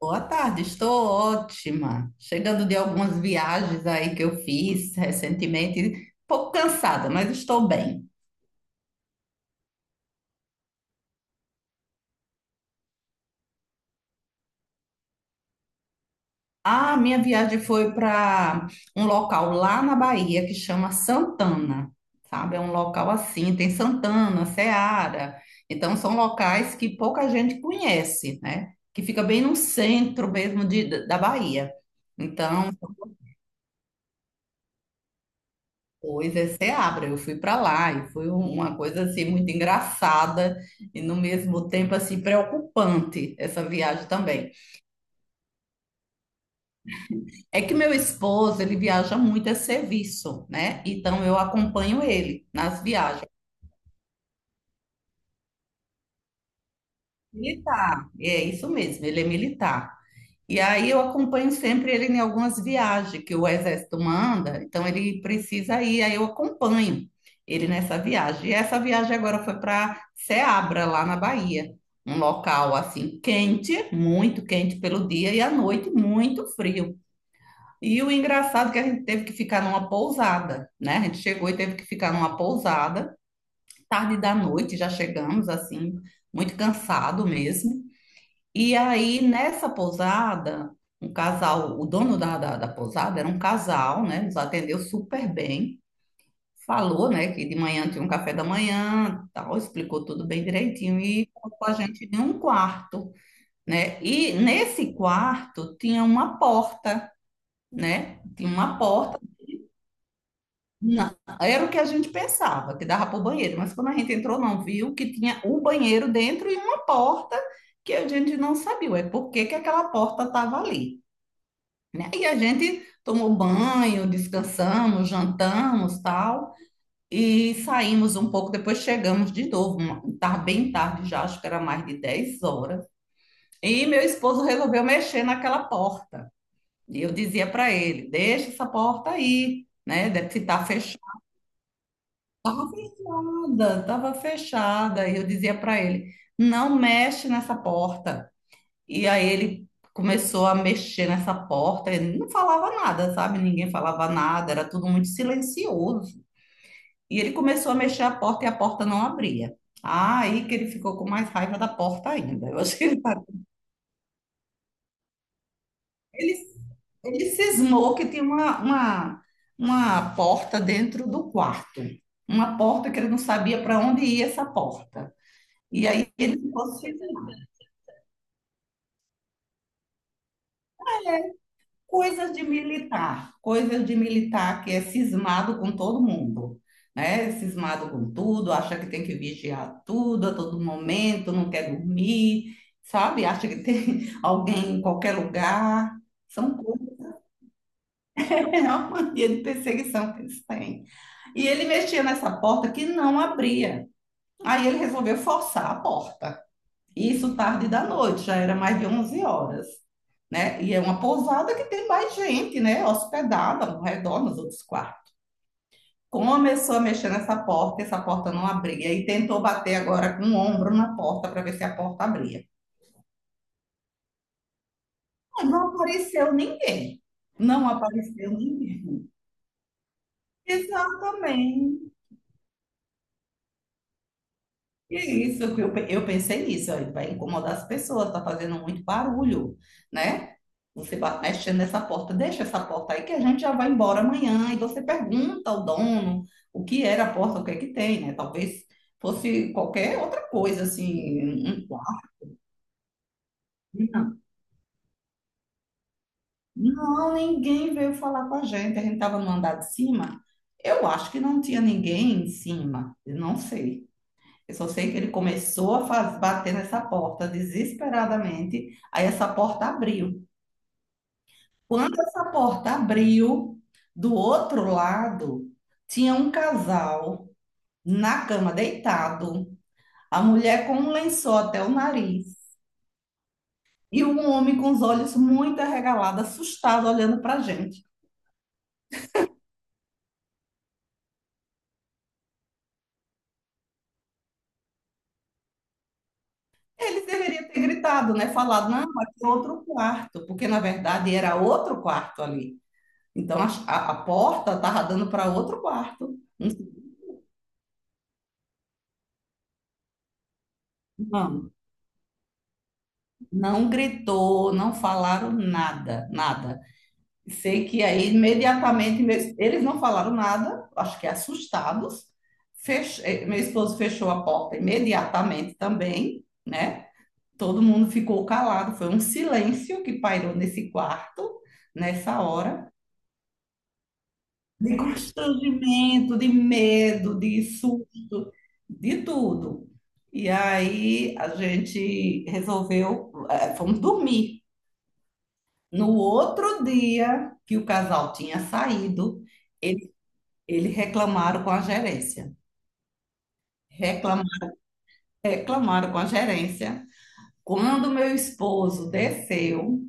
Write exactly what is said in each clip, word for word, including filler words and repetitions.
Boa tarde, estou ótima. Chegando de algumas viagens aí que eu fiz recentemente, um pouco cansada, mas estou bem. A minha viagem foi para um local lá na Bahia que chama Santana, sabe? É um local assim, tem Santana, Seara. Então são locais que pouca gente conhece, né? Que fica bem no centro mesmo de- da Bahia. Então, Pois é, Seabra, eu fui para lá e foi um- uma coisa assim muito engraçada e no mesmo tempo assim preocupante essa viagem também. É que meu esposo, ele viaja muito a serviço, né? Então eu acompanho ele nas viagens. Militar, é isso mesmo, ele é militar. E aí eu acompanho sempre ele em algumas viagens que o exército manda, então ele precisa ir, aí eu acompanho ele nessa viagem. E essa viagem agora foi para Seabra, lá na Bahia, um local assim quente, muito quente pelo dia e à noite muito frio. E o engraçado é que a gente teve que ficar numa pousada, né? A gente chegou e teve que ficar numa pousada, tarde da noite já chegamos assim, muito cansado mesmo. E aí, nessa pousada, um casal, o dono da, da, da pousada era um casal, né? Nos atendeu super bem. Falou, né, que de manhã tinha um café da manhã, tal, explicou tudo bem direitinho e colocou a gente em um quarto, né? E nesse quarto tinha uma porta, né? Tinha uma porta. na- Era o que a gente pensava, que dava para o banheiro, mas quando a gente entrou, não viu que tinha o banheiro dentro e uma porta que a gente não sabia, é por que que aquela porta estava ali, né? E a gente tomou banho, descansamos, jantamos, tal, e saímos um pouco, depois chegamos de novo, uma- tá bem tarde já, acho que era mais de dez horas. E meu esposo resolveu mexer naquela porta. E eu dizia para ele: "Deixa essa porta aí, né? Deve se tá fechada. Tava fechada, tava fechada". E eu dizia para ele: "Não mexe nessa porta". E aí ele começou a mexer nessa porta, ele não falava nada, sabe? Ninguém falava nada, era tudo muito silencioso. E ele começou a mexer a porta e a porta não abria. Aí que ele ficou com mais raiva da porta ainda. Eu acho que ele, tá- ele, ele cismou que tinha uma, uma, uma porta dentro do quarto. Uma porta que ele não sabia para onde ia essa porta. E aí ele ficou cismado. Coisas de militar, coisas de militar que é cismado com todo mundo, né? É cismado com tudo, acha que tem que vigiar tudo a todo momento, não quer dormir, sabe? Acha que tem alguém em qualquer lugar. São coisas, é uma mania de perseguição que eles têm. E ele mexia nessa porta que não abria. Aí ele resolveu forçar a porta. Isso tarde da noite, já era mais de onze horas, né? E é uma pousada que tem mais gente, né? Hospedada ao redor nos outros quartos. Começou a mexer nessa porta, essa porta não abria, e tentou bater agora com o ombro na porta para ver se a porta abria. Mas não apareceu ninguém. Não apareceu ninguém. Exatamente. E é isso, que eu, pe- eu pensei nisso, ó, vai incomodar as pessoas, tá fazendo muito barulho, né? Você vai mexendo nessa porta, deixa essa porta aí que a gente já vai embora amanhã. E você pergunta ao dono o que era a porta, o que é que tem, né? Talvez fosse qualquer outra coisa, assim, um quarto. Não, não, ninguém veio falar com a gente. A gente estava no andar de cima. Eu acho que não tinha ninguém em cima, eu não sei. Eu só sei que ele começou a faz- bater nessa porta desesperadamente. Aí essa porta abriu. Quando essa porta abriu, do outro lado tinha um casal na cama deitado, a mulher com um lençol até o nariz e um homem com os olhos muito arregalados, assustado, olhando para a gente. Eles deveriam ter gritado, né? Falado, não, aqui é outro quarto, porque na verdade era outro quarto ali. Então a, a a porta estava dando para outro quarto. Um não, não gritou, não falaram nada, nada. Sei que aí imediatamente meus- eles não falaram nada, acho que assustados. Fech- eh, meu esposo fechou a porta imediatamente também, né? Todo mundo ficou calado, foi um silêncio que pairou nesse quarto nessa hora, de constrangimento, de medo, de susto, de tudo. E aí a gente resolveu, eh, fomos dormir. No outro dia que o casal tinha saído, ele- eles reclamaram com a gerência. Reclam- reclamaram com a gerência. Quando meu esposo desceu,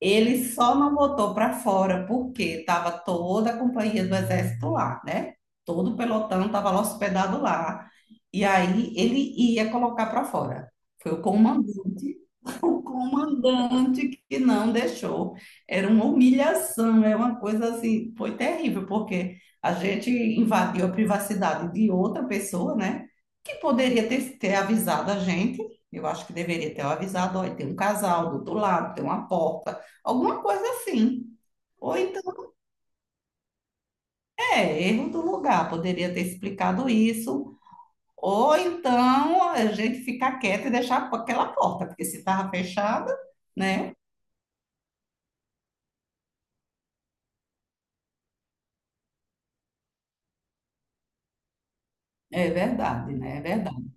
ele só não botou para fora porque estava toda a companhia do exército lá, né? Todo o pelotão estava lá hospedado lá. E aí ele ia colocar para fora. Foi o comandante, o comandante que não deixou. Era uma humilhação, é uma coisa assim, foi terrível, porque a gente invadiu a privacidade de outra pessoa, né? Que poderia ter, ter avisado a gente. Eu acho que deveria ter avisado, olha, tem um casal do outro lado, tem uma porta. Alguma coisa assim. Ou então, é, erro do lugar, poderia ter explicado isso. Ou então a gente ficar quieto e deixar a aquela porta, porque se estava fechada, né? É verdade, né? É verdade.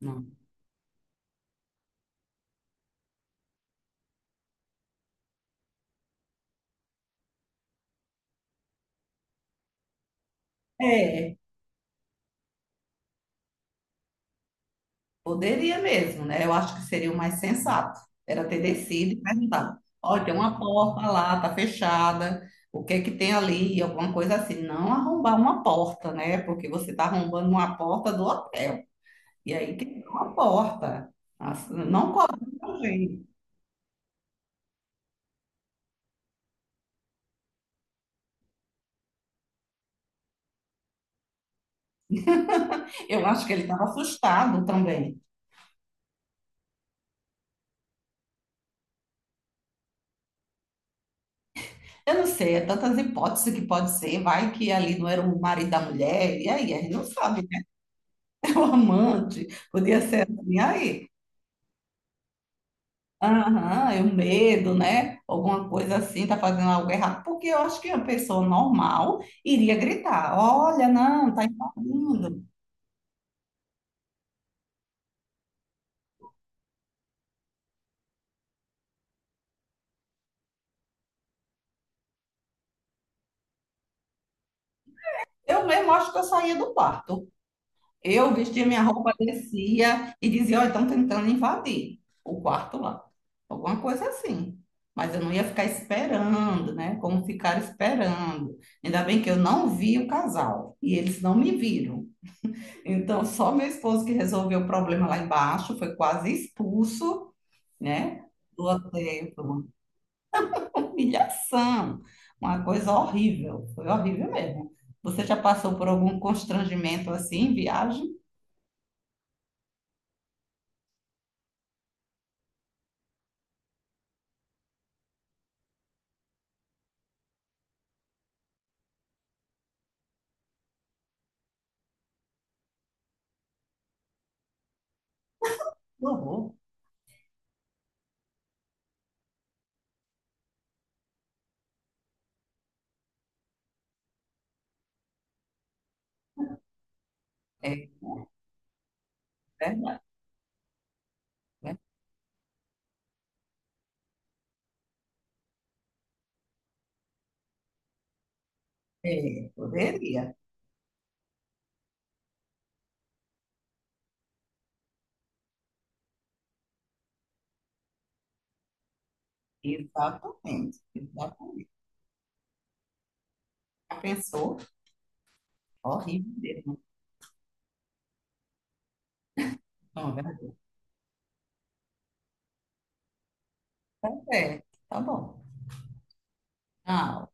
Não. É, poderia mesmo, né? Eu acho que seria o mais sensato. Era ter descido e perguntado: olha, tem uma porta lá, tá fechada, o que é que tem ali? Alguma coisa assim. Não arrombar uma porta, né? Porque você está arrombando uma porta do hotel. E aí quebrou a porta. Assim, não cobrou também. Eu acho que ele estava assustado também. Eu não sei, é tantas hipóteses que pode ser. Vai que ali não era o marido da mulher. E aí, a gente não sabe, né? O amante. Podia ser assim. Aí, aham, eu medo, né? Alguma coisa assim, tá fazendo algo errado. Porque eu acho que uma pessoa normal iria gritar: olha, não, tá invadindo. Eu mesmo acho que eu saía do quarto. Eu vestia minha roupa, descia e dizia, ó, estão tentando invadir o quarto lá. Alguma coisa assim. Mas eu não ia ficar esperando, né? Como ficar esperando. Ainda bem que eu não vi o casal e eles não me viram. Então, só meu esposo que resolveu o problema lá embaixo, foi quase expulso, né? Do hotel. Foi uma humilhação, uma coisa horrível. Foi horrível mesmo. Você já passou por algum constrangimento assim em viagem? Que horror. É, né? Né? É, poderia. Exatamente, exatamente. Já pensou? Horrível mesmo. Não, é verdade. É, tá bom. Ah,